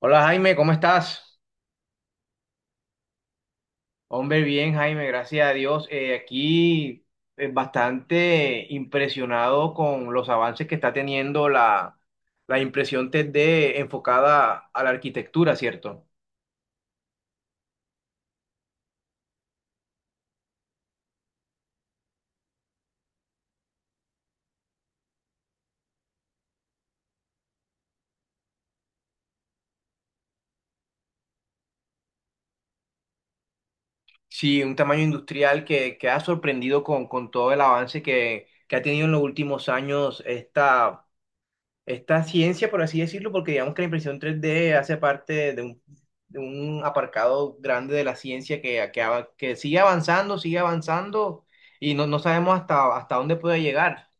Hola Jaime, ¿cómo estás? Hombre, bien Jaime, gracias a Dios. Aquí bastante impresionado con los avances que está teniendo la impresión 3D enfocada a la arquitectura, ¿cierto? Sí, un tamaño industrial que ha sorprendido con todo el avance que ha tenido en los últimos años esta ciencia, por así decirlo, porque digamos que la impresión 3D hace parte de un aparcado grande de la ciencia que sigue avanzando y no sabemos hasta dónde puede llegar.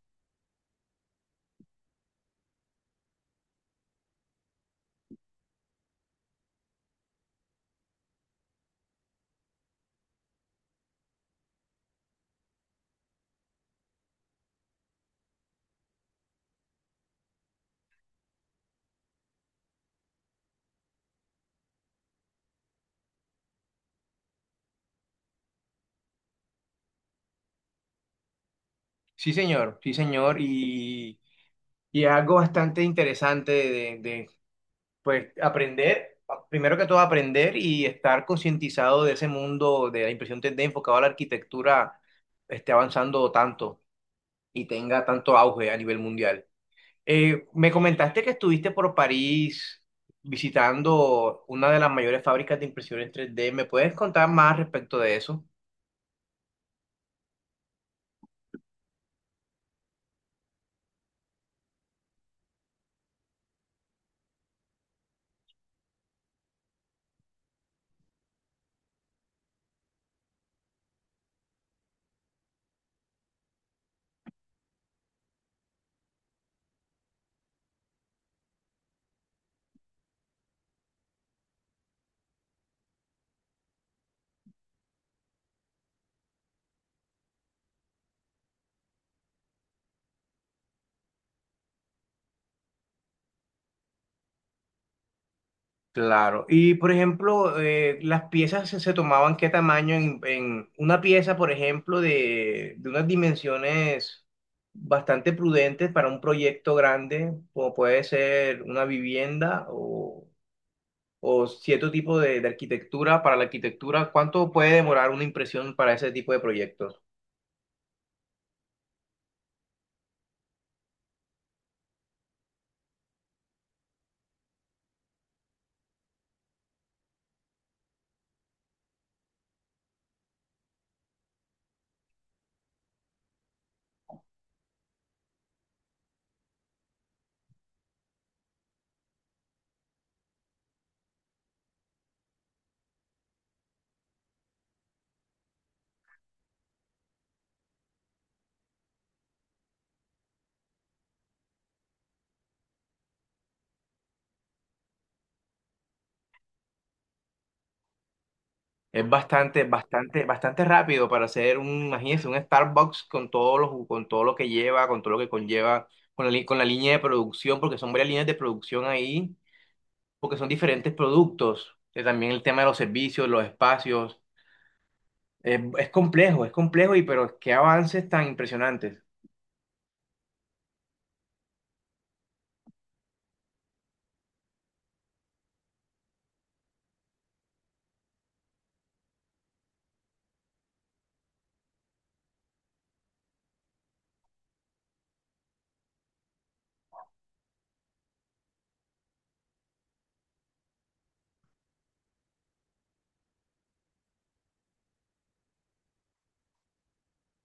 Sí, señor, y es algo bastante interesante pues, aprender, primero que todo aprender y estar concientizado de ese mundo de la impresión 3D enfocado a la arquitectura esté avanzando tanto y tenga tanto auge a nivel mundial. Me comentaste que estuviste por París visitando una de las mayores fábricas de impresión en 3D. ¿Me puedes contar más respecto de eso? Claro. Y por ejemplo, las piezas se tomaban qué tamaño en una pieza, por ejemplo, de unas dimensiones bastante prudentes para un proyecto grande, como puede ser una vivienda o cierto tipo de arquitectura. Para la arquitectura, ¿cuánto puede demorar una impresión para ese tipo de proyectos? Es bastante rápido para hacer un, imagínense, un Starbucks con con todo lo que lleva, con todo lo que conlleva, con con la línea de producción, porque son varias líneas de producción ahí, porque son diferentes productos. También el tema de los servicios, los espacios. Es complejo, es complejo, y pero qué avances tan impresionantes.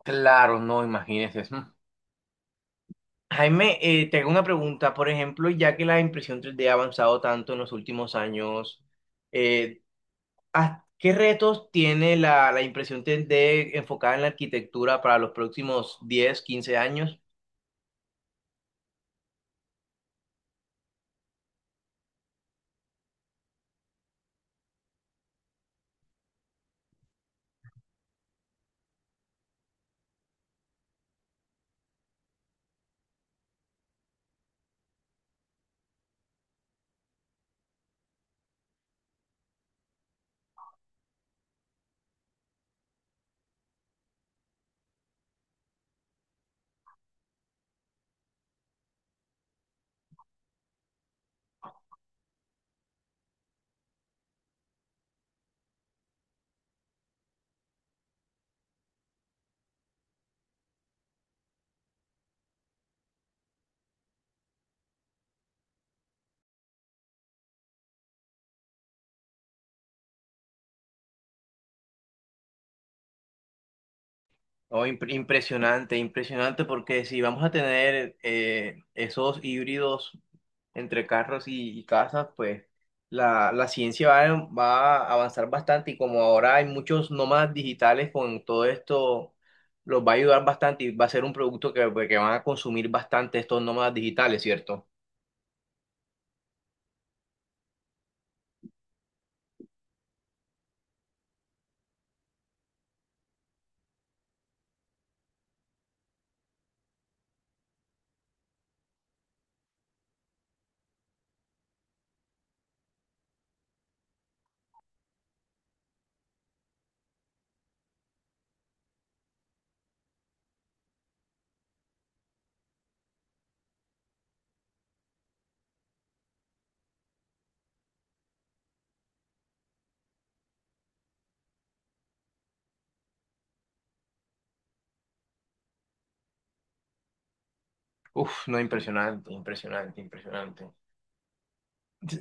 Claro, no, imagínense. Mm. Jaime, te hago una pregunta. Por ejemplo, ya que la impresión 3D ha avanzado tanto en los últimos años, eh, ¿Qué retos tiene la impresión 3D enfocada en la arquitectura para los próximos 10 15 años? Oh, impresionante, impresionante, porque si vamos a tener esos híbridos entre carros y casas, pues la ciencia va a avanzar bastante y como ahora hay muchos nómadas digitales con todo esto, los va a ayudar bastante y va a ser un producto que, pues, que van a consumir bastante estos nómadas digitales, ¿cierto? Uf, no, impresionante, impresionante, impresionante.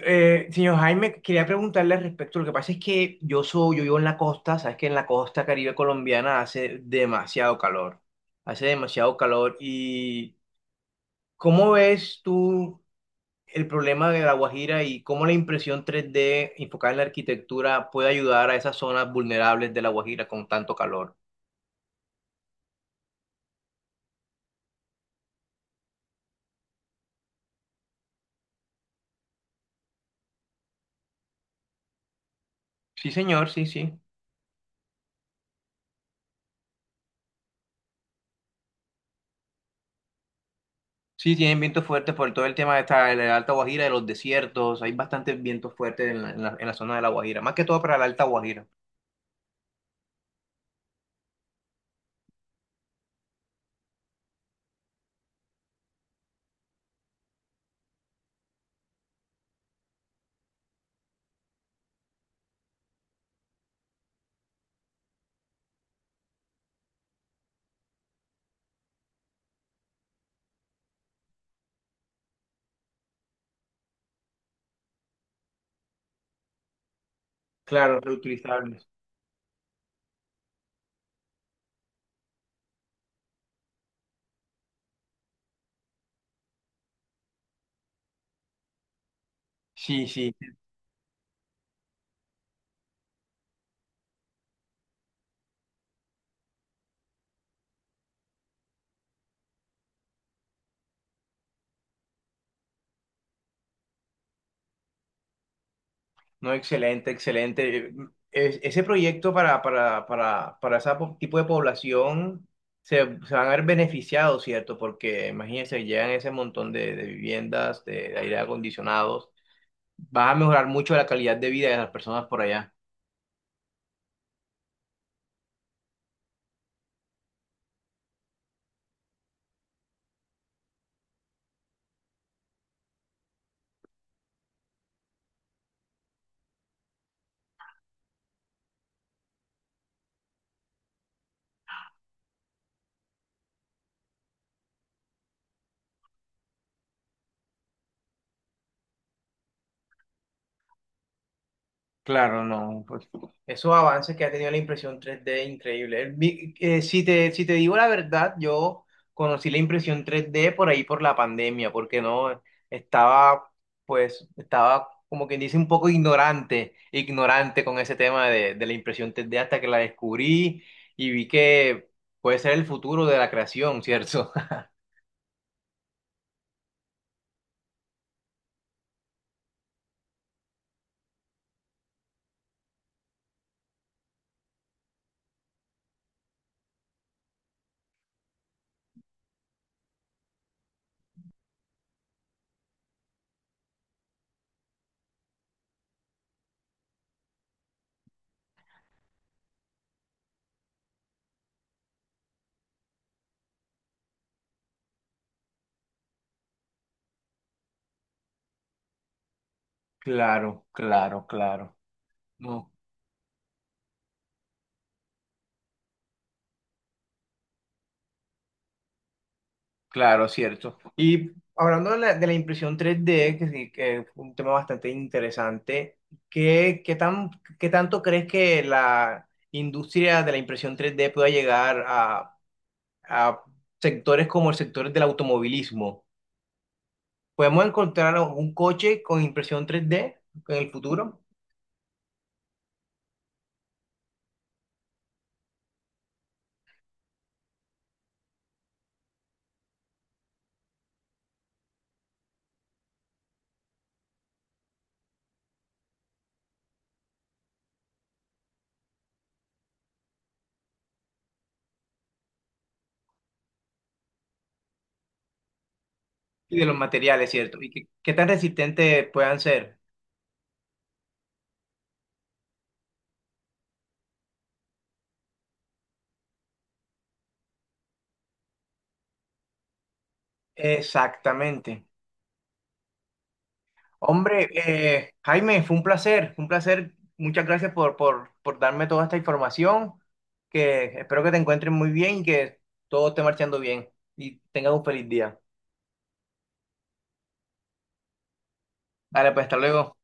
Señor Jaime, quería preguntarle al respecto. Lo que pasa es que yo soy, yo vivo en la costa, sabes que en la costa Caribe colombiana hace demasiado calor, hace demasiado calor. ¿Y cómo ves tú el problema de La Guajira y cómo la impresión 3D enfocada en la arquitectura puede ayudar a esas zonas vulnerables de La Guajira con tanto calor? Sí, señor, sí, sí. Sí, tienen vientos fuertes por todo el tema de esta, de la Alta Guajira, de los desiertos. Hay bastantes vientos fuertes en la, en la en la zona de La Guajira, más que todo para la Alta Guajira. Claro, reutilizables. Sí, sí. No, excelente, excelente. Ese proyecto para ese tipo de población se, se van a ver beneficiados, ¿cierto? Porque imagínense, llegan ese montón de viviendas, de aire acondicionados. Van a mejorar mucho la calidad de vida de las personas por allá. Claro, no, pues esos avances que ha tenido la impresión 3D increíble. Si te digo la verdad, yo conocí la impresión 3D por ahí por la pandemia, porque no estaba, pues, estaba como quien dice un poco ignorante, ignorante con ese tema de la impresión 3D hasta que la descubrí y vi que puede ser el futuro de la creación, ¿cierto? Claro, claro, claro. No. Claro, cierto. Y hablando de la impresión 3D, que, sí, que es un tema bastante interesante, ¿qué, qué tan, ¿qué tanto crees que la industria de la impresión 3D pueda llegar a sectores como el sector del automovilismo? ¿Podemos encontrar un coche con impresión 3D en el futuro? Y de los materiales, ¿cierto? ¿Y qué tan resistentes puedan ser? Exactamente. Hombre, Jaime, fue un placer, fue un placer. Muchas gracias por darme toda esta información, que espero que te encuentres muy bien y que todo esté marchando bien y tengas un feliz día. Dale, pues hasta luego.